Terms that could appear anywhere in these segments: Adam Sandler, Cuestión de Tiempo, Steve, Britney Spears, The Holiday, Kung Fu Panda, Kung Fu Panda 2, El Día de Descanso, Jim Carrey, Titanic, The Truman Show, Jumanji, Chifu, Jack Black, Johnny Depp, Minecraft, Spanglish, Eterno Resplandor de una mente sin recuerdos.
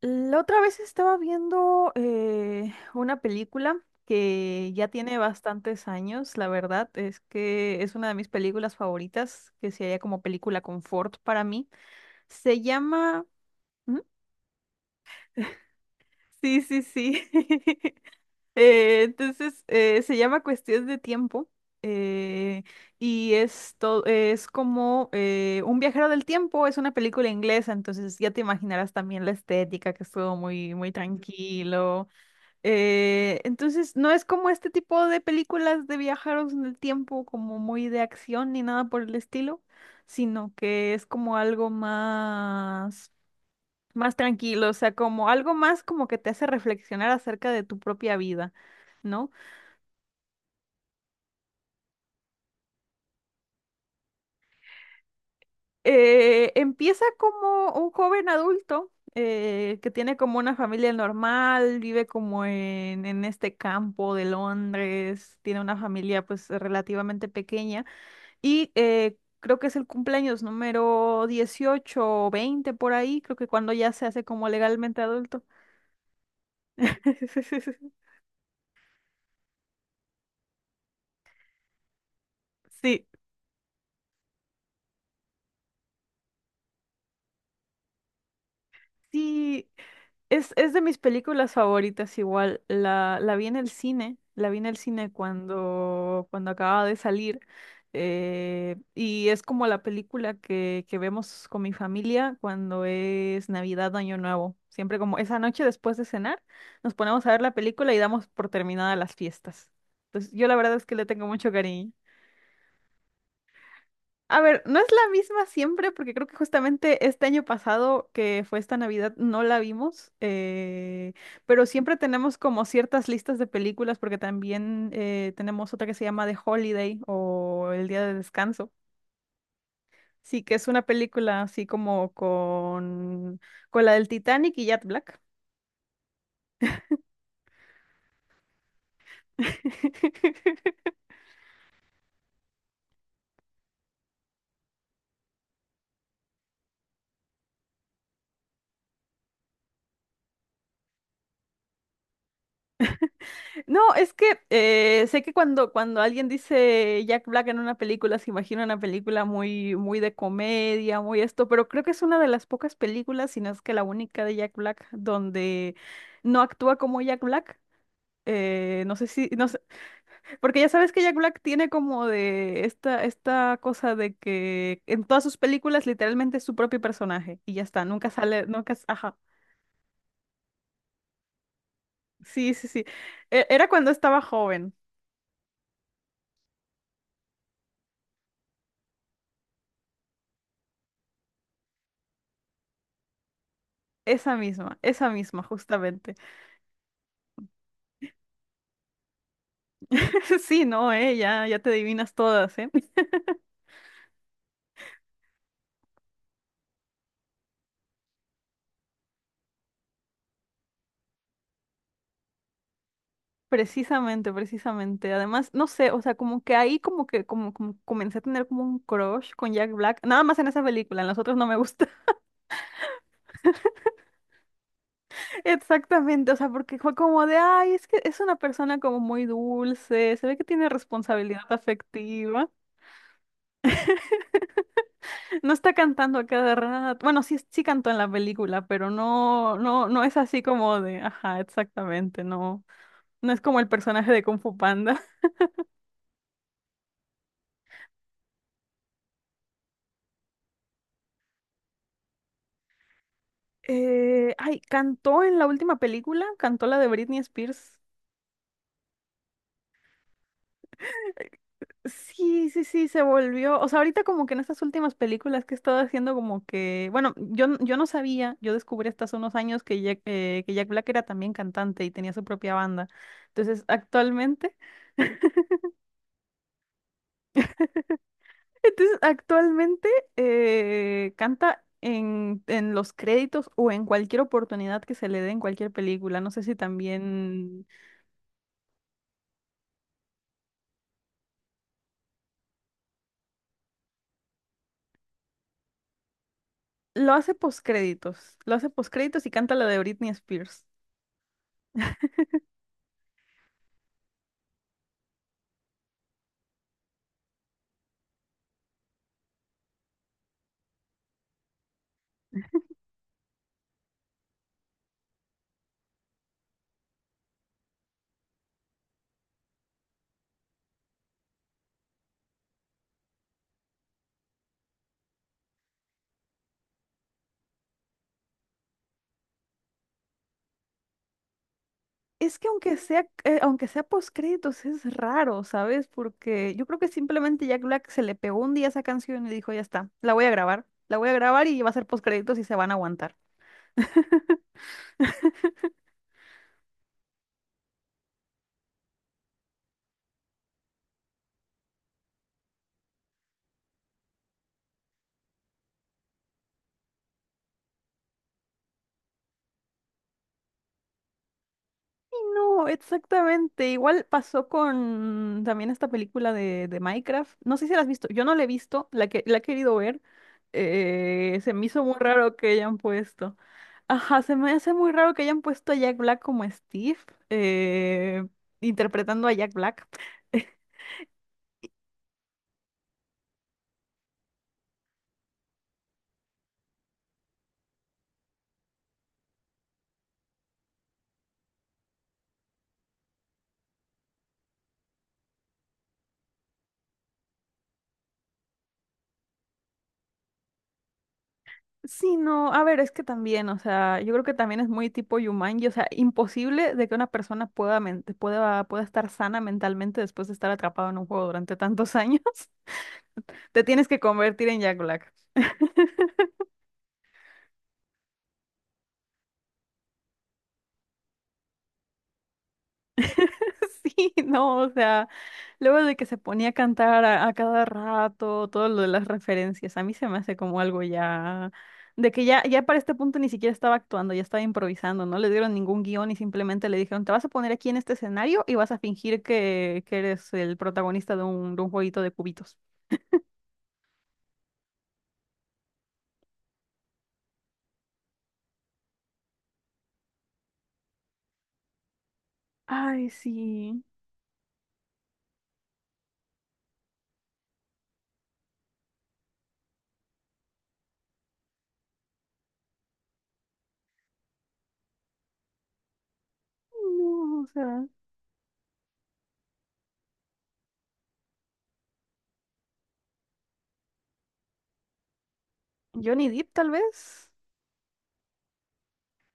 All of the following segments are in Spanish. La otra vez estaba viendo una película que ya tiene bastantes años, la verdad es que es una de mis películas favoritas, que se halla como película confort para mí. Se llama... ¿Mm? Sí, sí, sí. Se llama Cuestión de Tiempo eh, y es, es como un viajero del tiempo, es una película inglesa, entonces ya te imaginarás también la estética, que es todo muy, muy tranquilo. No es como este tipo de películas de viajeros en el tiempo, como muy de acción ni nada por el estilo, sino que es como algo más, más tranquilo, o sea, como algo más como que te hace reflexionar acerca de tu propia vida, ¿no? Empieza como un joven adulto. Que tiene como una familia normal, vive como en este campo de Londres, tiene una familia pues relativamente pequeña. Y creo que es el cumpleaños número 18 o 20 por ahí, creo que cuando ya se hace como legalmente adulto. Sí, sí. Es de mis películas favoritas igual. La vi en el cine, la vi en el cine cuando acababa de salir. Y es como la película que vemos con mi familia cuando es Navidad, Año Nuevo. Siempre como esa noche después de cenar, nos ponemos a ver la película y damos por terminada las fiestas. Entonces, yo la verdad es que le tengo mucho cariño. A ver, no es la misma siempre, porque creo que justamente este año pasado, que fue esta Navidad, no la vimos, pero siempre tenemos como ciertas listas de películas, porque también tenemos otra que se llama The Holiday o El Día de Descanso. Sí, que es una película así como con la del Titanic y Jack Black. No, es que sé que cuando alguien dice Jack Black en una película, se imagina una película muy, muy de comedia, muy esto, pero creo que es una de las pocas películas, si no es que la única de Jack Black, donde no actúa como Jack Black. No sé si, no sé, porque ya sabes que Jack Black tiene como de esta, esta cosa de que en todas sus películas literalmente es su propio personaje y ya está, nunca sale, nunca, ajá, sí, sí, sí. Era cuando estaba joven, esa misma, justamente. Sí, no, ya, ya te adivinas todas, ¿eh? Precisamente, precisamente. Además, no sé, o sea, como que ahí como que como, como comencé a tener como un crush con Jack Black, nada más en esa película, en las otras no me gusta. Exactamente, o sea, porque fue como de, ay, es que es una persona como muy dulce, se ve que tiene responsabilidad afectiva, no está cantando a cada rato. Bueno, sí, sí cantó en la película, pero no, no, no es así como de, ajá, exactamente, no, no es como el personaje de Kung Fu Panda. Ay, cantó en la última película, cantó la de Britney Spears. Sí, sí, sí, se volvió. O sea, ahorita como que en estas últimas películas que he estado haciendo como que, bueno, yo, yo no sabía, yo descubrí hasta hace unos años que Jack Black era también cantante y tenía su propia banda. Entonces, actualmente, entonces, actualmente canta en los créditos o en cualquier oportunidad que se le dé en cualquier película. No sé si también lo hace postcréditos. Lo hace postcréditos y canta la de Britney Spears. Es que aunque sea postcréditos, es raro, ¿sabes? Porque yo creo que simplemente Jack Black se le pegó un día esa canción y dijo, ya está, la voy a grabar. La voy a grabar y va a ser postcréditos y se van a aguantar. No, exactamente. Igual pasó con también esta película de Minecraft. No sé si la has visto. Yo no la he visto, la que la he querido ver. Se me hizo muy raro que hayan puesto. Ajá, se me hace muy raro que hayan puesto a Jack Black como Steve, eh, interpretando a Jack Black. Sí, no, a ver, es que también, o sea, yo creo que también es muy tipo Yumanji, o sea, imposible de que una persona pueda, pueda, pueda estar sana mentalmente después de estar atrapado en un juego durante tantos años. Te tienes que convertir en Jack Black. Sí, no, o sea. Luego de que se ponía a cantar a cada rato, todo lo de las referencias, a mí se me hace como algo ya, de que ya, ya para este punto ni siquiera estaba actuando, ya estaba improvisando, no le dieron ningún guión y simplemente le dijeron, te vas a poner aquí en este escenario y vas a fingir que eres el protagonista de un jueguito de cubitos. Ay, sí. No, o sea, Johnny Depp tal vez.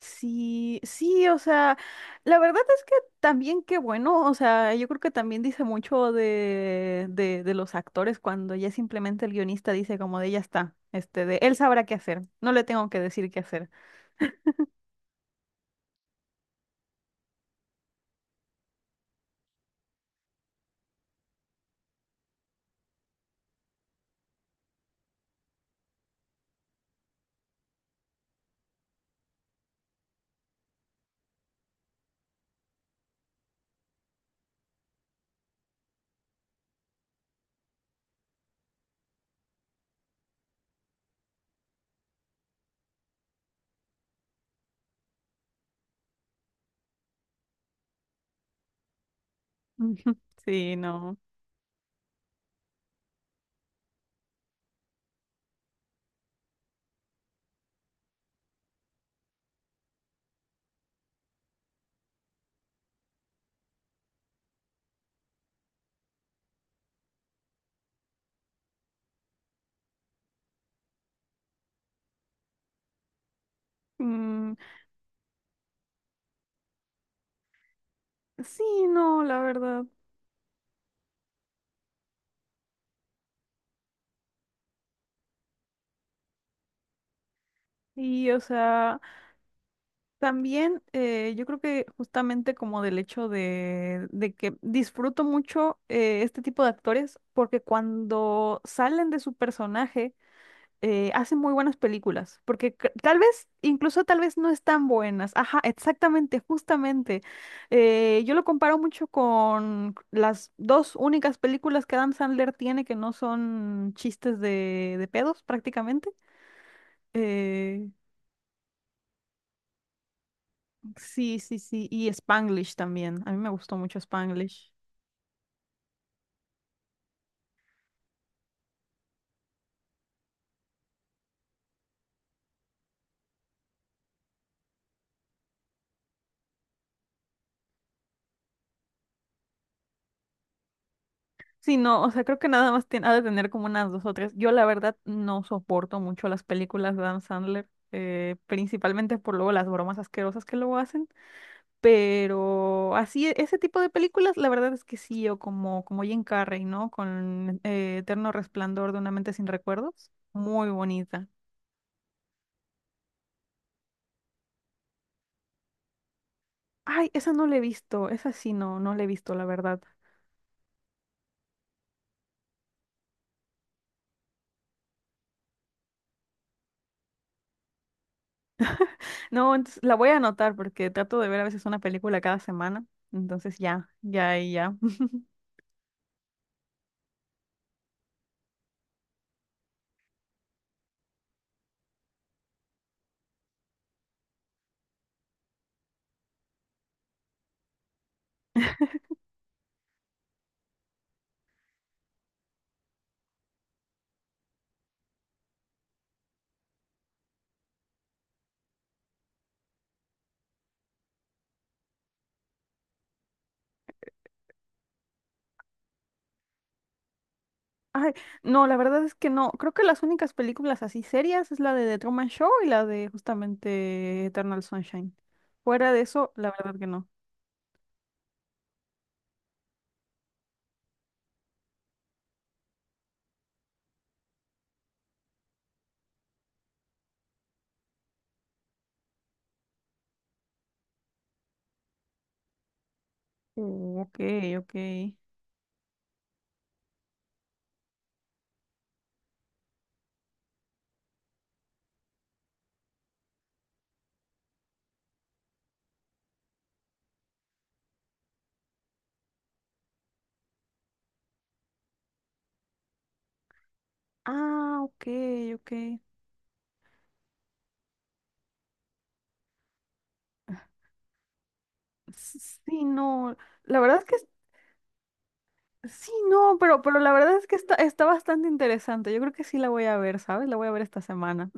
Sí, sí, o sea, la verdad es que también qué bueno, o sea, yo creo que también dice mucho de los actores cuando ya simplemente el guionista dice como de ya está, este, de él sabrá qué hacer, no le tengo que decir qué hacer. Ujú. Sí, no. Mm, sí, no, la verdad. Y, o sea, también yo creo que justamente como del hecho de que disfruto mucho este tipo de actores porque cuando salen de su personaje, hace muy buenas películas, porque tal vez, incluso tal vez no están buenas. Ajá, exactamente, justamente. Yo lo comparo mucho con las dos únicas películas que Adam Sandler tiene que no son chistes de pedos prácticamente. Eh, sí, sí, sí, y Spanglish también. A mí me gustó mucho Spanglish. Sí, no, o sea, creo que nada más tiene, ha de tener como unas dos o tres. Yo la verdad no soporto mucho las películas de Adam Sandler, principalmente por luego las bromas asquerosas que luego hacen, pero así, ese tipo de películas, la verdad es que sí, o como, como Jim Carrey, ¿no? Con Eterno Resplandor de una mente sin recuerdos, muy bonita. Ay, esa no la he visto, esa sí no, no la he visto, la verdad. No, entonces la voy a anotar porque trato de ver a veces una película cada semana, entonces ya, ya, y ya. Ay, no, la verdad es que no. Creo que las únicas películas así serias es la de The Truman Show y la de justamente Eternal Sunshine. Fuera de eso, la verdad que no. Ok, ok. Ah, ok, ok. S- Sí, no. La verdad es que sí, no, pero la verdad es que está, está bastante interesante. Yo creo que sí la voy a ver, ¿sabes? La voy a ver esta semana.